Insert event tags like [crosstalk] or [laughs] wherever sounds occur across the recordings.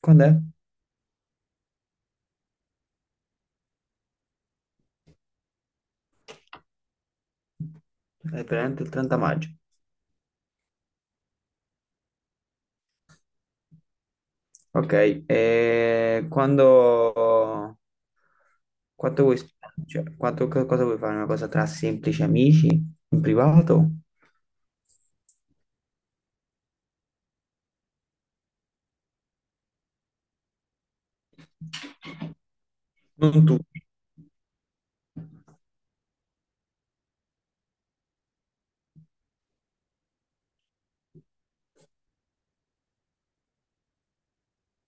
Quando è? È veramente il 30 maggio. Ok, e quando... quanto vuoi spendere? Cioè, cosa vuoi fare? Una cosa tra semplici amici, in privato? Non tu.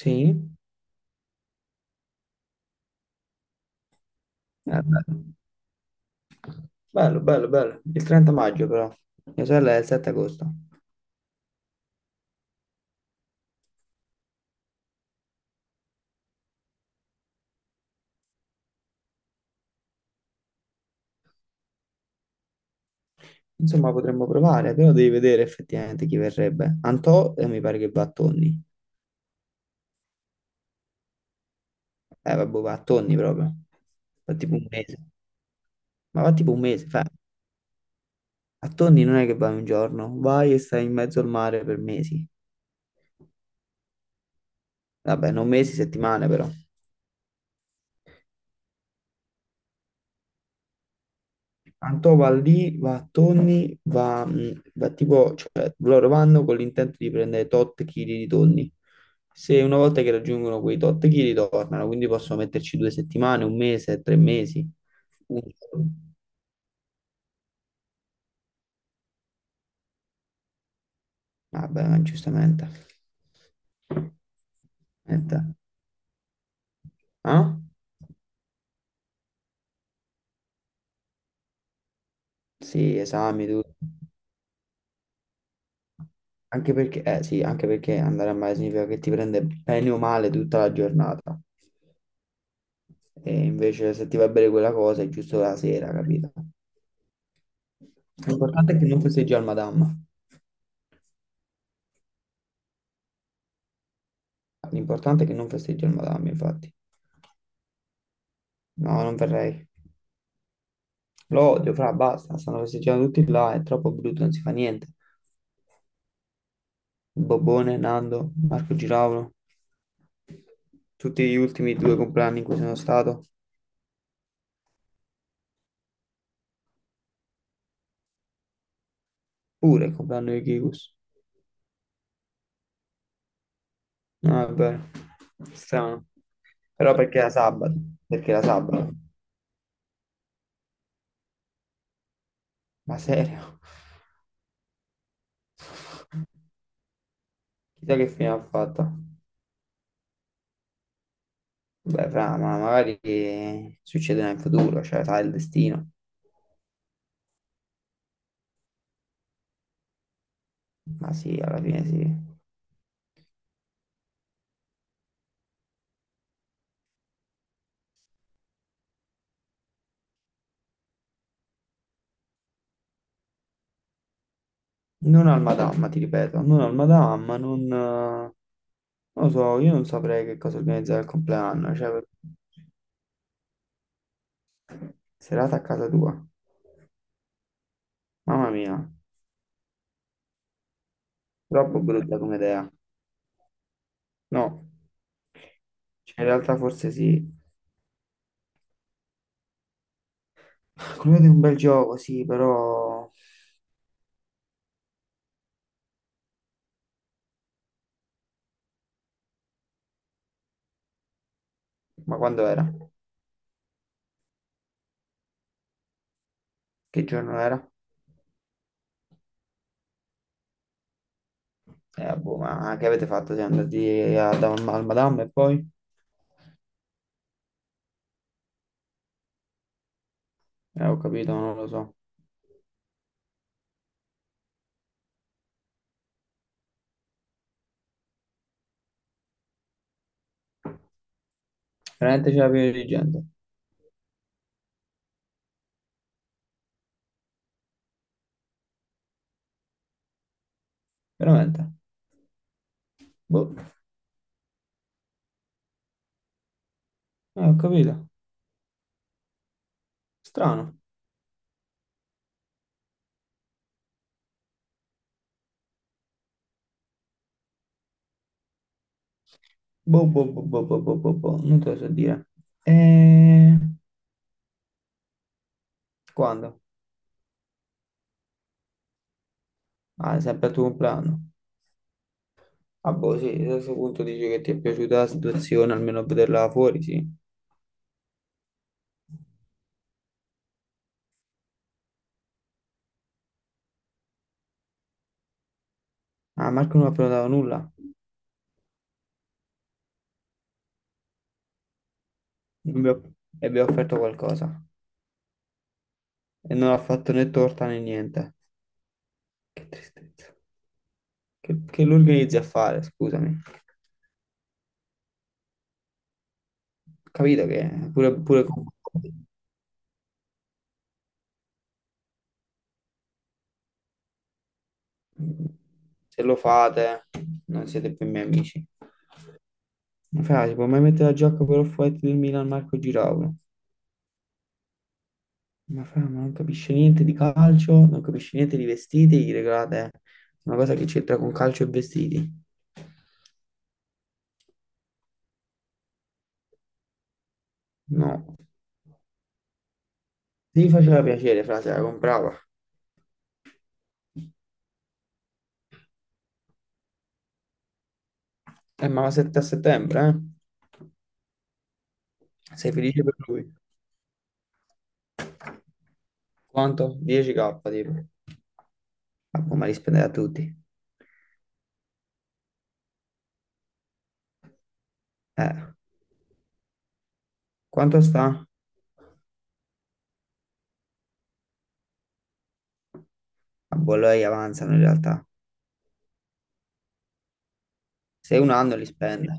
Sì? Bello, bello. Il 30 maggio però. Mia sorella è il 7 agosto. Insomma, potremmo provare, però devi vedere effettivamente chi verrebbe. Antò, mi pare che va a Tonni. Vabbè, va a Tonni proprio. Va tipo un mese. Ma va tipo un mese, fa. A Tonni non è che vai un giorno, vai e stai in mezzo al mare per mesi. Vabbè, non mesi, settimane però. Antò va lì, va a tonni, va, va tipo, cioè loro vanno con l'intento di prendere tot chili di tonni. Se una volta che raggiungono quei tot chili tornano, quindi possono metterci due settimane, un mese, tre mesi. Un giorno. Vabbè, ma giustamente. Aspetta. Ah? Sì, esami, tutto. Anche perché, sì, anche perché andare a mare significa che ti prende bene o male tutta la giornata. E invece se ti va bene quella cosa è giusto la sera, capito? L'importante è che non festeggi al Madama. L'importante è che non festeggi al Madama, infatti. No, non verrei. Lo odio, fra, basta. Stanno festeggiando tutti là, è troppo brutto, non si fa niente. Bobone, Nando, Marco Giraulo, tutti gli ultimi due compleanni in cui sono stato. Pure il compleanno di Kikus. No, è vero. Strano. Però perché era sabato? Perché era sabato? Ma serio? Chissà che fine ha fatto. Beh, fra, ma magari succederà in futuro, cioè sai il destino. Ma sì, alla fine sì. Non al Madama, ti ripeto, non al Madama, non lo so, io non saprei che cosa organizzare al compleanno, serata a casa tua. Mamma mia, troppo brutta come idea. No, cioè in realtà forse sì, quello di un bel gioco, sì, però... Ma quando era? Che giorno era? Boh, ma che avete fatto? Siete andati al Madame e poi? Ho capito, non lo so. Veramente c'era pieno di gente. Veramente. Boh, ho capito. Strano. Boh, boh, boh, boh, boh, boh, boh, boh. Non te lo so dire. E... quando? Ah, sempre al tuo compleanno. Ah, boh, sì, a questo punto dici che ti è piaciuta la situazione, almeno vederla fuori, sì. Ah, Marco non ha prenotato nulla. abbiamo- e abbiamo offerto qualcosa e non ha fatto né torta né niente. Che tristezza. Che lo organizzi a fare, scusami. Capito che pure con voi, se lo fate non siete più miei amici. Ma fra, si può mai mettere la giacca per Off-White del Milan Marco Giraulo? Ma fra, ma non capisce niente di calcio, non capisce niente di vestiti, gli regalate una cosa che c'entra con calcio e vestiti? No. Se gli faceva piacere, fra, se la comprava. Ma la 7 a settembre, eh? Sei felice per lui? Quanto? 10K, tipo. Ma come li spendere a tutti? Eh, quanto sta? A Bologna avanzano in realtà. Se un anno li spende.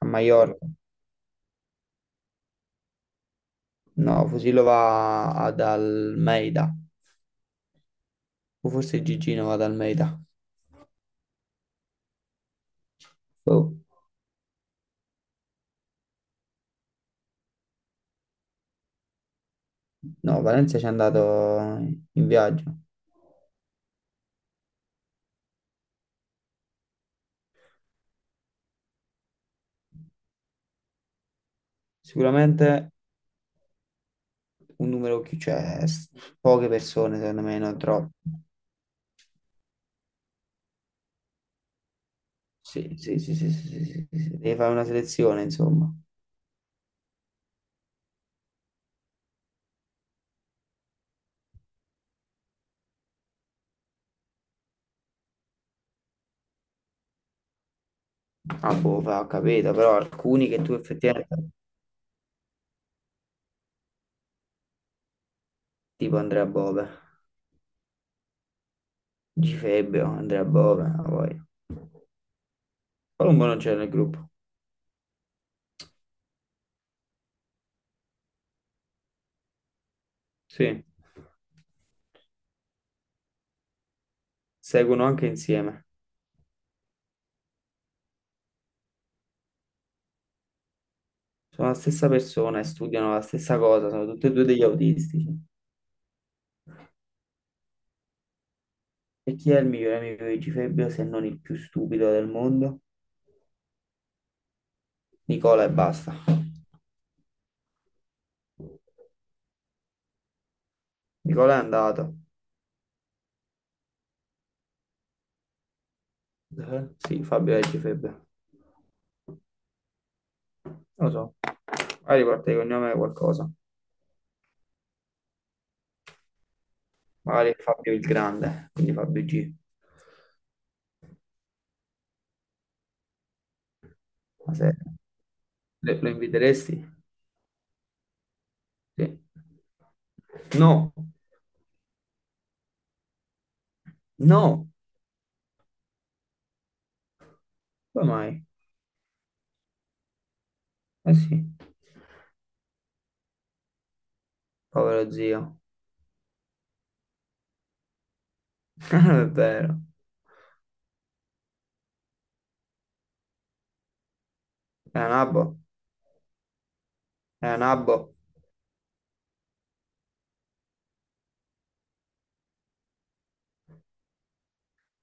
A Maiorca. No, Fusillo va ad Almeida. O forse Gigino va ad Almeida. Boh. No, Valencia ci è andato in viaggio. Sicuramente un numero chi c'è, poche persone secondo me, non troppo. Sì, sì, sì, sì, sì, sì, sì, sì. Devi fare una selezione, insomma. Ah, Bove, ho capito, però alcuni che tu effettivamente, tipo Andrea Bove, Gifebbio, Andrea Bove, ah, poi Colombo non c'è nel gruppo, sì, seguono anche insieme, sono la stessa persona e studiano la stessa cosa, sono tutti e due degli autistici. E chi è il migliore amico di Gifebbio se non il più stupido del mondo? Nicola e basta. Nicola è andato. Eh? Sì, Fabio è Gifebbio, lo so, magari parte di cognome è qualcosa, magari è Fabio il Grande, quindi Fabio G. Ma se lo inviteresti? Sì. No, no, come mai? Eh sì, povero zio. [laughs] Non è vero. Era nabbo, era nabbo.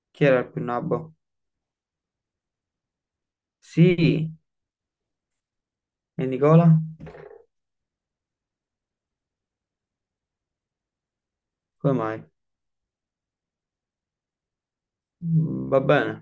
Chi era il più nabbo? Sì, e Nicola? Come mai? Mm, va bene.